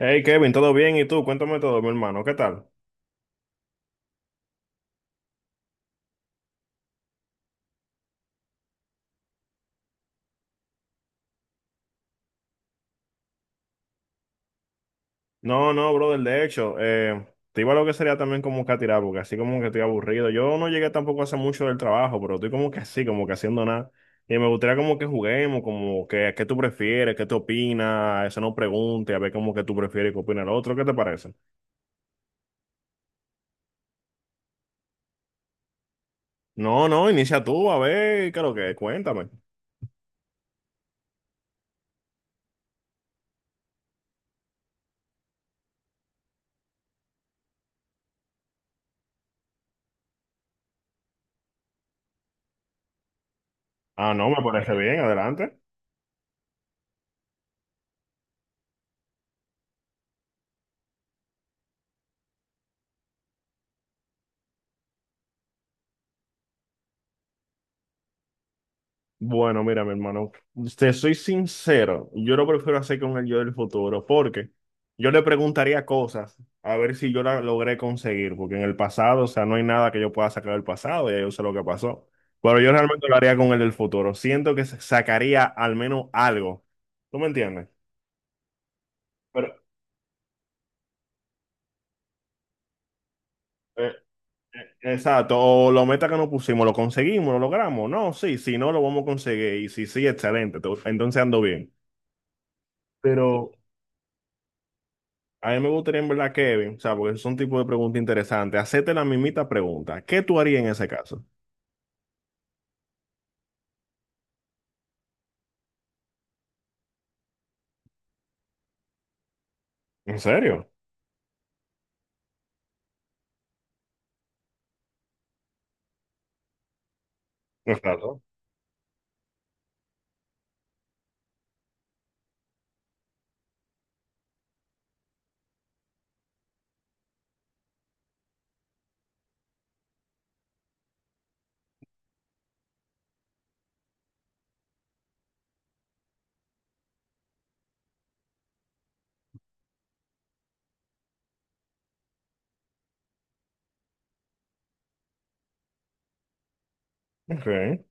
Hey Kevin, ¿todo bien? ¿Y tú? Cuéntame todo, mi hermano, ¿qué tal? No, no, brother, de hecho, te iba a lo que sería también como que a tirar, porque así como que estoy aburrido. Yo no llegué tampoco hace mucho del trabajo, pero estoy como que así, como que haciendo nada. Y me gustaría como que juguemos, como que qué tú prefieres, qué te opinas, eso no pregunte, a ver como que tú prefieres y qué opina el otro, ¿qué te parece? No, no, inicia tú, a ver, ¿qué es lo que es? Cuéntame. Ah, no, me parece bien, adelante. Bueno, mira, mi hermano, te soy sincero, yo lo prefiero hacer con el yo del futuro, porque yo le preguntaría cosas a ver si yo la logré conseguir, porque en el pasado, o sea, no hay nada que yo pueda sacar del pasado, ya yo sé lo que pasó, pero yo realmente lo haría con el del futuro, siento que sacaría al menos algo, ¿tú me entiendes? Pero, eh, exacto, o lo meta que nos pusimos, lo conseguimos, lo logramos, no, sí, si no, lo vamos a conseguir, y si sí, excelente, entonces ando bien. Pero a mí me gustaría en verdad, Kevin, o sea, porque son tipo de pregunta interesante. Hacete la mismita pregunta. ¿Qué tú harías en ese caso? ¿En serio? Exacto. Ok.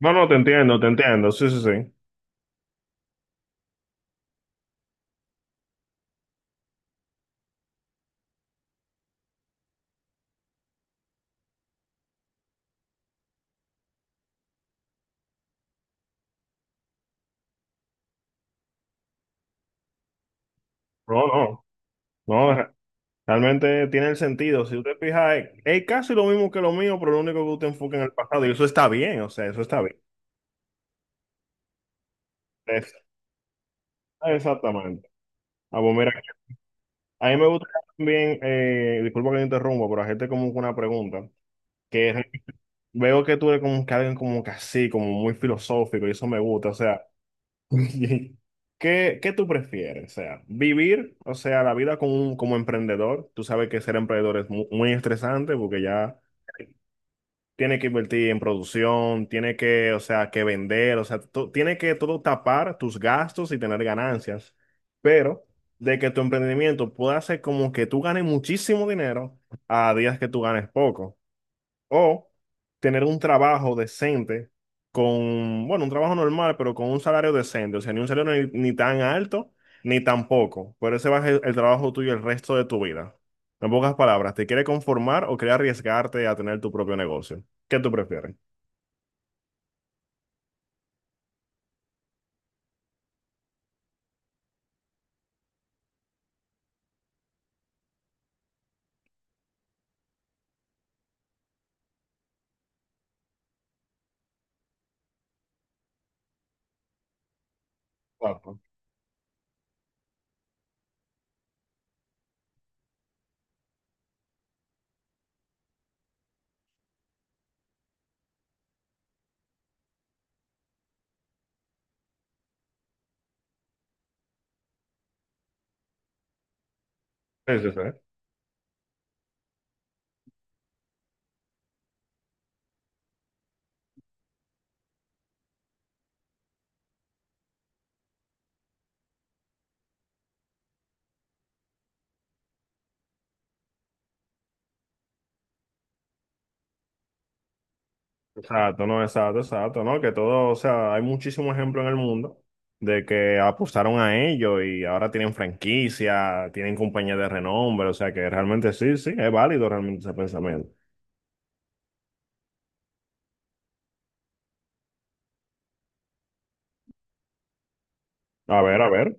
No, no, te entiendo, te entiendo. Sí, sí, sí. No, no. No, realmente tiene el sentido. Si usted fija, es casi lo mismo que lo mío, pero lo único que usted enfoca en el pasado. Y eso está bien, o sea, eso está bien. Es- Exactamente. Ah, pues mira, a mí me gustaría también, disculpa que te interrumpa, pero hacerte como una pregunta. Que Veo que tú eres como que alguien como que así, como muy filosófico, y eso me gusta. O sea, ¿qué tú prefieres? O sea, vivir, o sea, la vida como, como emprendedor. Tú sabes que ser emprendedor es muy, estresante porque ya tiene que invertir en producción, tiene que, o sea, que vender, o sea, tiene que todo tapar tus gastos y tener ganancias. Pero de que tu emprendimiento pueda ser como que tú ganes muchísimo dinero a días que tú ganes poco. O tener un trabajo decente con, bueno, un trabajo normal, pero con un salario decente. O sea, ni un salario ni tan alto, ni tan poco. Pero ese va a ser el trabajo tuyo el resto de tu vida. En pocas palabras, ¿te quieres conformar o quieres arriesgarte a tener tu propio negocio? ¿Qué tú prefieres? Claro. Sí, sí, sí. Exacto, no, exacto, exacto, no, que todo, o sea, hay muchísimos ejemplos en el mundo de que apostaron a ello y ahora tienen franquicia, tienen compañías de renombre, o sea que realmente sí, sí, es válido realmente ese pensamiento. A ver, a ver.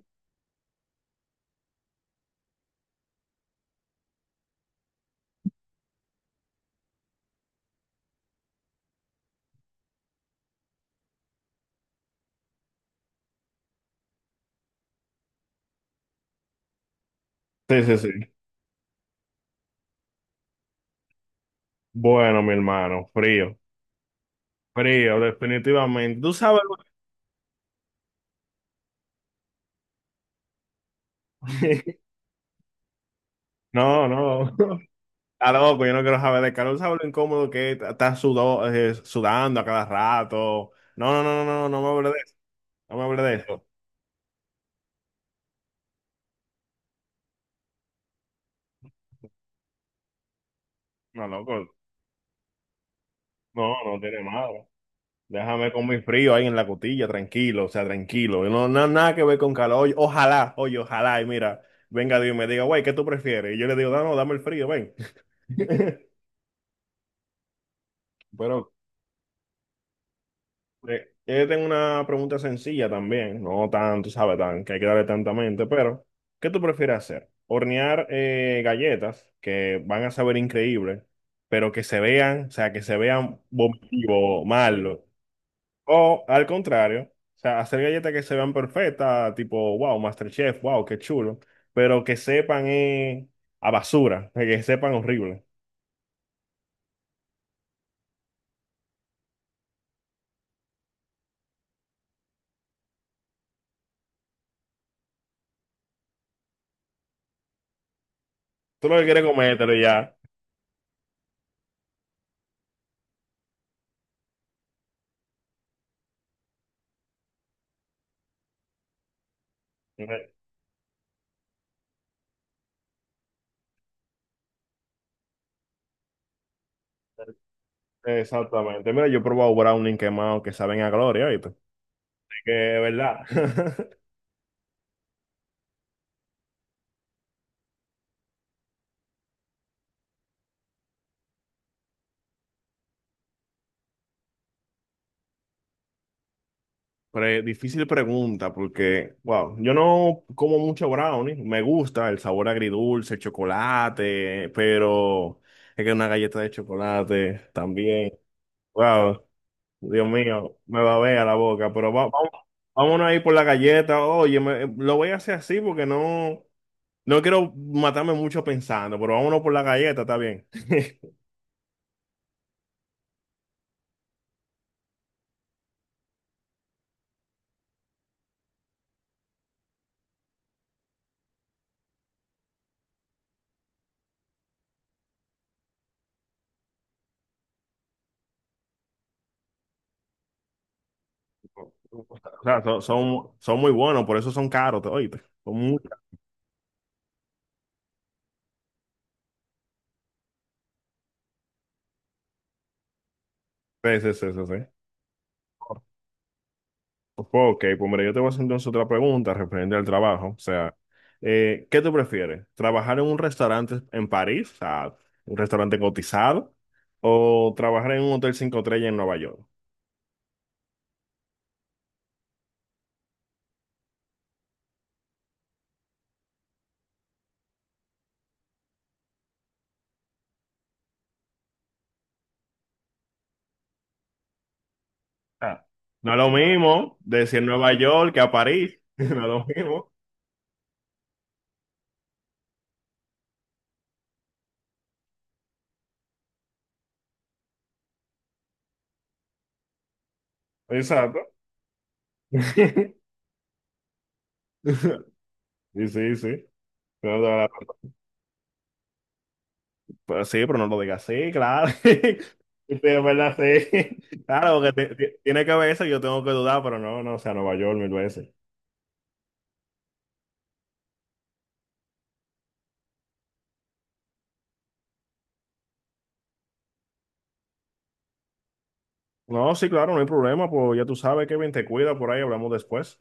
Sí, sí, sí. Bueno, mi hermano, frío, frío, definitivamente. Tú sabes. No, no. A loco, yo no quiero saber de calor. ¿Sabes lo incómodo que es? Estás sudando a cada rato. No, no, no, no, no, no me hables de eso. No me hables de eso. No, loco. No, no tiene nada. Déjame con mi frío ahí en la cotilla, tranquilo, o sea, tranquilo. No, no, nada que ver con calor. Oye, ojalá, y mira, venga Dios y me diga, güey, ¿qué tú prefieres? Y yo le digo, no, no, dame el frío, ven. Pero yo tengo una pregunta sencilla también, no tanto, ¿sabes? Tan, que hay que darle tanta mente, pero ¿qué tú prefieres hacer? Hornear galletas que van a saber increíble, pero que se vean, o sea, que se vean vomitivo, malo. O al contrario, o sea, hacer galletas que se vean perfectas, tipo, wow, MasterChef, wow, qué chulo, pero que sepan a basura, que sepan horrible. Tú lo que quieres comértelo y ya. Eh, Exactamente. Mira, yo he probado brownie quemado que saben a gloria, ¿viste? Que es verdad. Difícil pregunta porque, wow, yo no como mucho brownie, me gusta el sabor agridulce, el chocolate, pero es que una galleta de chocolate también, wow, Dios mío, me va a ver a la boca, pero va, vamos, vámonos ahí por la galleta, oye, lo voy a hacer así porque no, no quiero matarme mucho pensando, pero vámonos por la galleta, está bien. O sea, son muy buenos, por eso son caros, oye, son muchas veces eso, ¿sí? Sí, sí, sí. Ok, pues mira, yo te voy a hacer entonces otra pregunta referente al trabajo. O sea, ¿qué tú prefieres? ¿Trabajar en un restaurante en París, o sea, un restaurante cotizado, o trabajar en un hotel cinco estrellas en Nueva York? Ah, no es lo mismo decir Nueva York que a París, no es lo mismo. Exacto. Sí, sí, sí. No, no, no, sí, pero no lo digas así, claro. Sí, es verdad, sí. Claro, porque tiene que ver eso, yo tengo que dudar, pero no, no, o sea, Nueva York mil veces. No, sí, claro, no hay problema, pues ya tú sabes, Kevin, te cuida por ahí, hablamos después.